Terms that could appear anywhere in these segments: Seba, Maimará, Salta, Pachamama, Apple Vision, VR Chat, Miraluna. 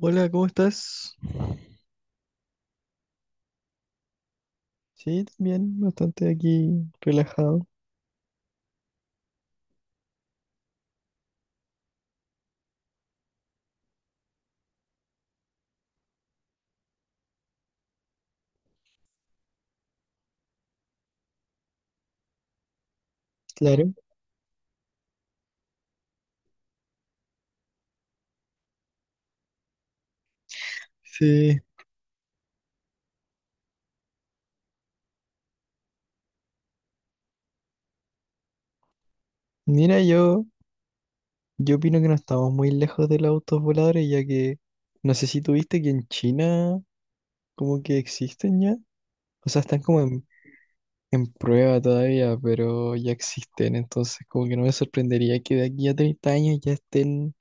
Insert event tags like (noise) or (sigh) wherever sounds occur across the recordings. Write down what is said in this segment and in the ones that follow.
Hola, ¿cómo estás? Sí, también, bastante aquí relajado. Claro. Sí. Mira, yo opino que no estamos muy lejos de los autos voladores, ya que no sé si tuviste que en China como que existen ya. O sea, están como en prueba todavía, pero ya existen. Entonces, como que no me sorprendería que de aquí a 30 años ya estén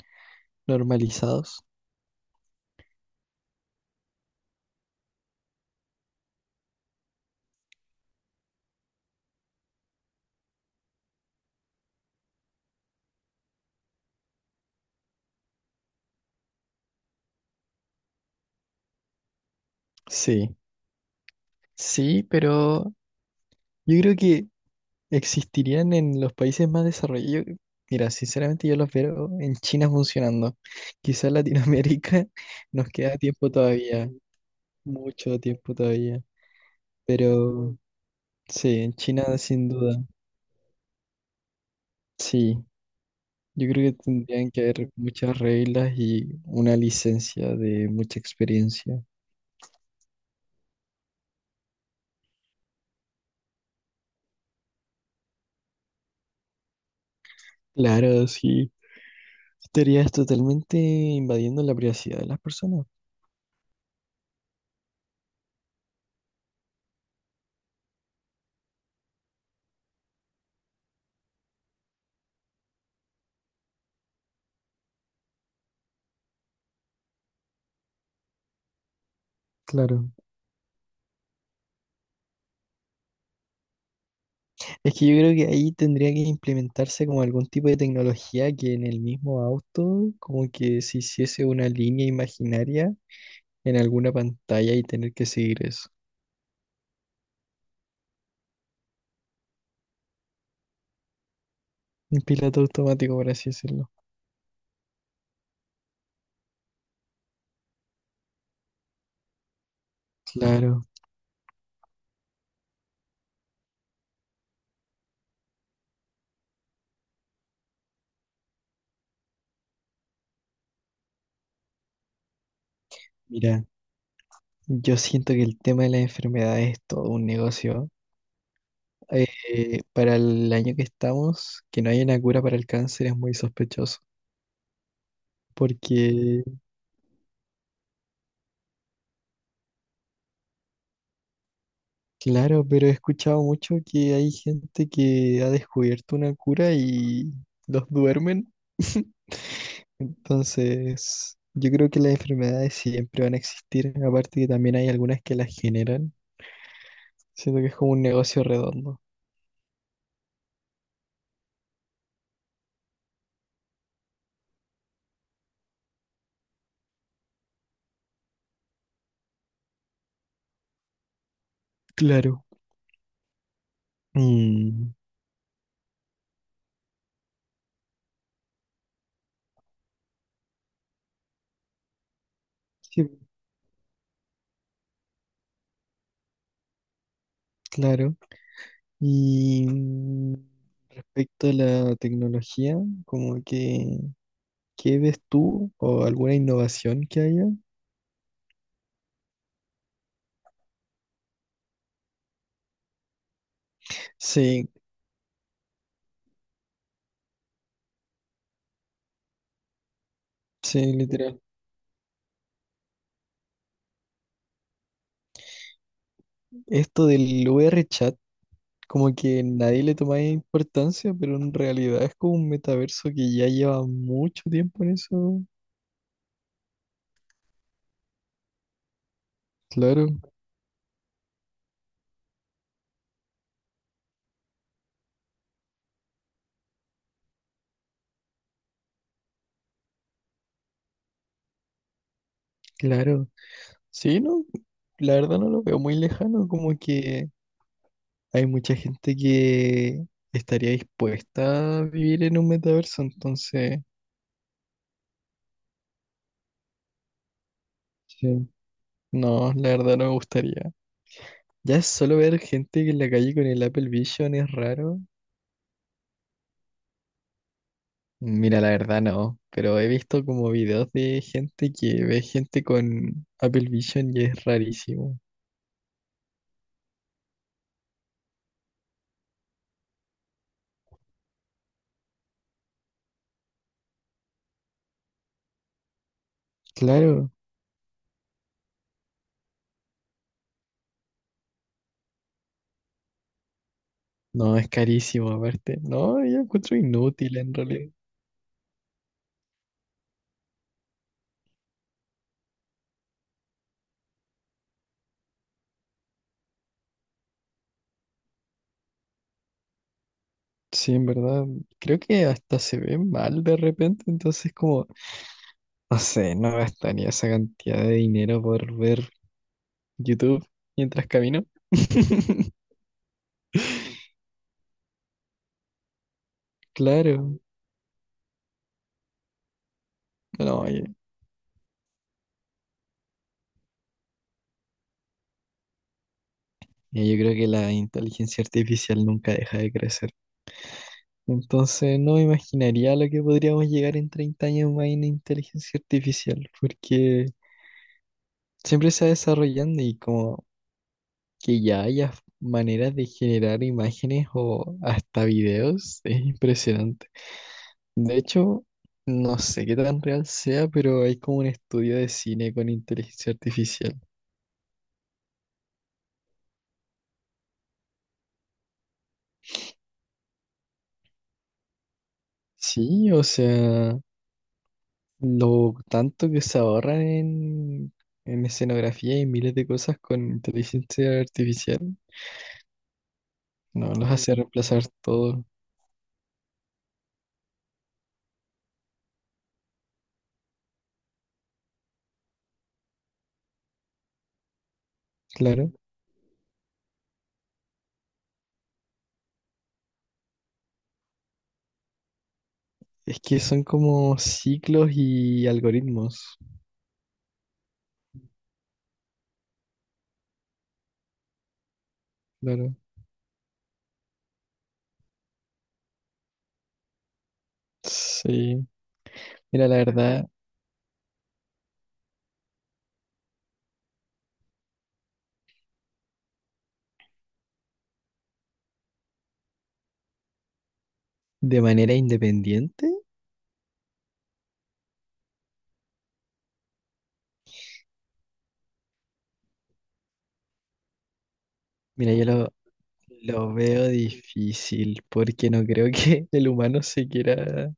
normalizados. Sí, sí, pero yo creo que existirían en los países más desarrollados. Mira, sinceramente yo los veo en China funcionando. Quizás Latinoamérica (laughs) nos queda tiempo todavía, mucho tiempo todavía. Pero sí, en China sin duda, sí. Yo creo que tendrían que haber muchas reglas y una licencia de mucha experiencia. Claro, sí. Estarías totalmente invadiendo la privacidad de las personas. Claro. Es que yo creo que ahí tendría que implementarse como algún tipo de tecnología que en el mismo auto, como que se hiciese una línea imaginaria en alguna pantalla y tener que seguir eso. Un piloto automático, por así decirlo. Claro, mira, yo siento que el tema de las enfermedades es todo un negocio. Para el año que estamos, que no haya una cura para el cáncer es muy sospechoso, porque, claro, pero he escuchado mucho que hay gente que ha descubierto una cura y los duermen. (laughs) Entonces, yo creo que las enfermedades siempre van a existir, aparte que también hay algunas que las generan. Siento que es como un negocio redondo. Claro. Mm, sí, claro. Y respecto a la tecnología, como que, ¿qué ves tú o alguna innovación que haya? Sí, sí, literal. Esto del VRChat. Como que nadie le tomaba importancia, pero en realidad es como un metaverso que ya lleva mucho tiempo en eso. Claro, claro. Sí, no, la verdad no lo veo muy lejano, como que hay mucha gente que estaría dispuesta a vivir en un metaverso, entonces, sí. No, la verdad no me gustaría. Ya solo ver gente que en la calle con el Apple Vision es raro. Mira, la verdad no, pero he visto como videos de gente que ve gente con Apple Vision y es rarísimo. Claro, no, es carísimo aparte. No, yo encuentro inútil en realidad. Sí, en verdad, creo que hasta se ve mal de repente, entonces como, no sé, no gastaría esa cantidad de dinero por ver YouTube mientras camino. (laughs) Claro, no, yo creo que la inteligencia artificial nunca deja de crecer. Entonces no me imaginaría lo que podríamos llegar en 30 años más en inteligencia artificial, porque siempre se va desarrollando y como que ya haya maneras de generar imágenes o hasta videos es impresionante. De hecho, no sé qué tan real sea, pero hay como un estudio de cine con inteligencia artificial. Sí, o sea, lo tanto que se ahorran en, escenografía y miles de cosas con inteligencia artificial. No, los hace reemplazar todo, claro. Es que son como ciclos y algoritmos, claro. Sí. Mira, la verdad, de manera independiente, mira, yo lo veo difícil porque no creo que (laughs) el humano se quiera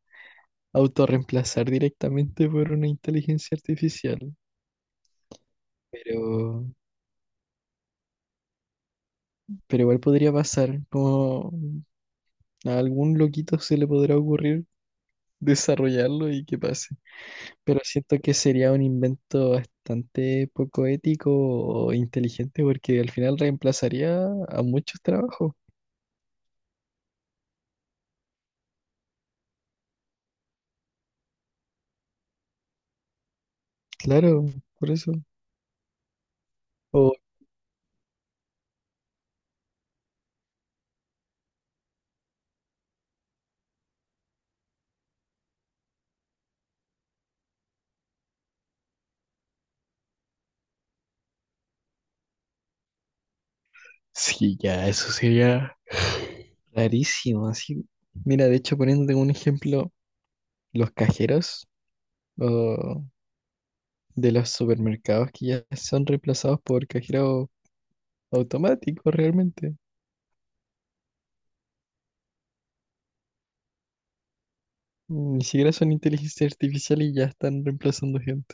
autorreemplazar directamente por una inteligencia artificial. Pero, pero igual podría pasar, como a algún loquito se le podrá ocurrir desarrollarlo y que pase. Pero siento que sería un invento bastante poco ético o inteligente porque al final reemplazaría a muchos trabajos. Claro, por eso. O sí, ya, eso sería rarísimo. Así, mira, de hecho, poniéndote un ejemplo, los cajeros o de los supermercados que ya son reemplazados por cajeros automáticos realmente. Ni siquiera son inteligencia artificial y ya están reemplazando gente.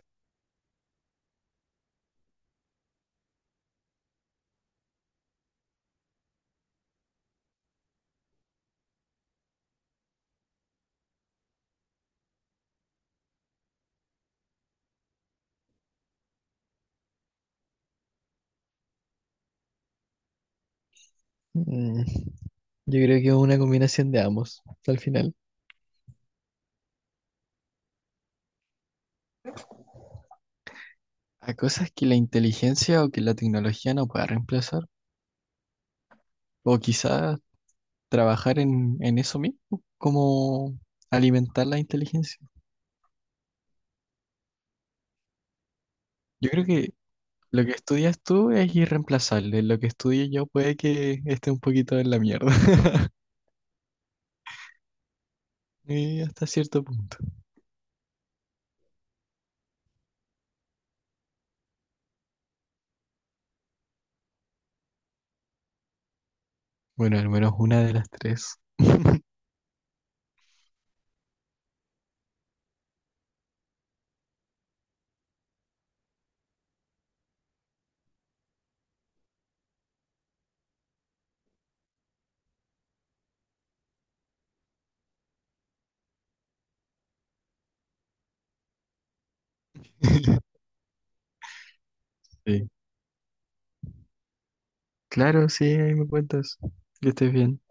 Mm, Yo creo que es una combinación de ambos, al final. A cosas que la inteligencia o que la tecnología no pueda reemplazar, o quizás trabajar en eso mismo, como alimentar la inteligencia. Yo creo que lo que estudias tú es irreemplazable, lo que estudie yo puede que esté un poquito en la mierda, (laughs) y hasta cierto punto. Bueno, al menos una de las tres. (laughs) Sí. Claro, sí, ahí me cuentas. Que estés bien.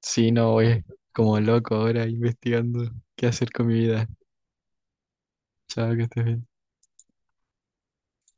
Sí, no, voy como loco ahora investigando qué hacer con mi vida. Chao, que estés bien.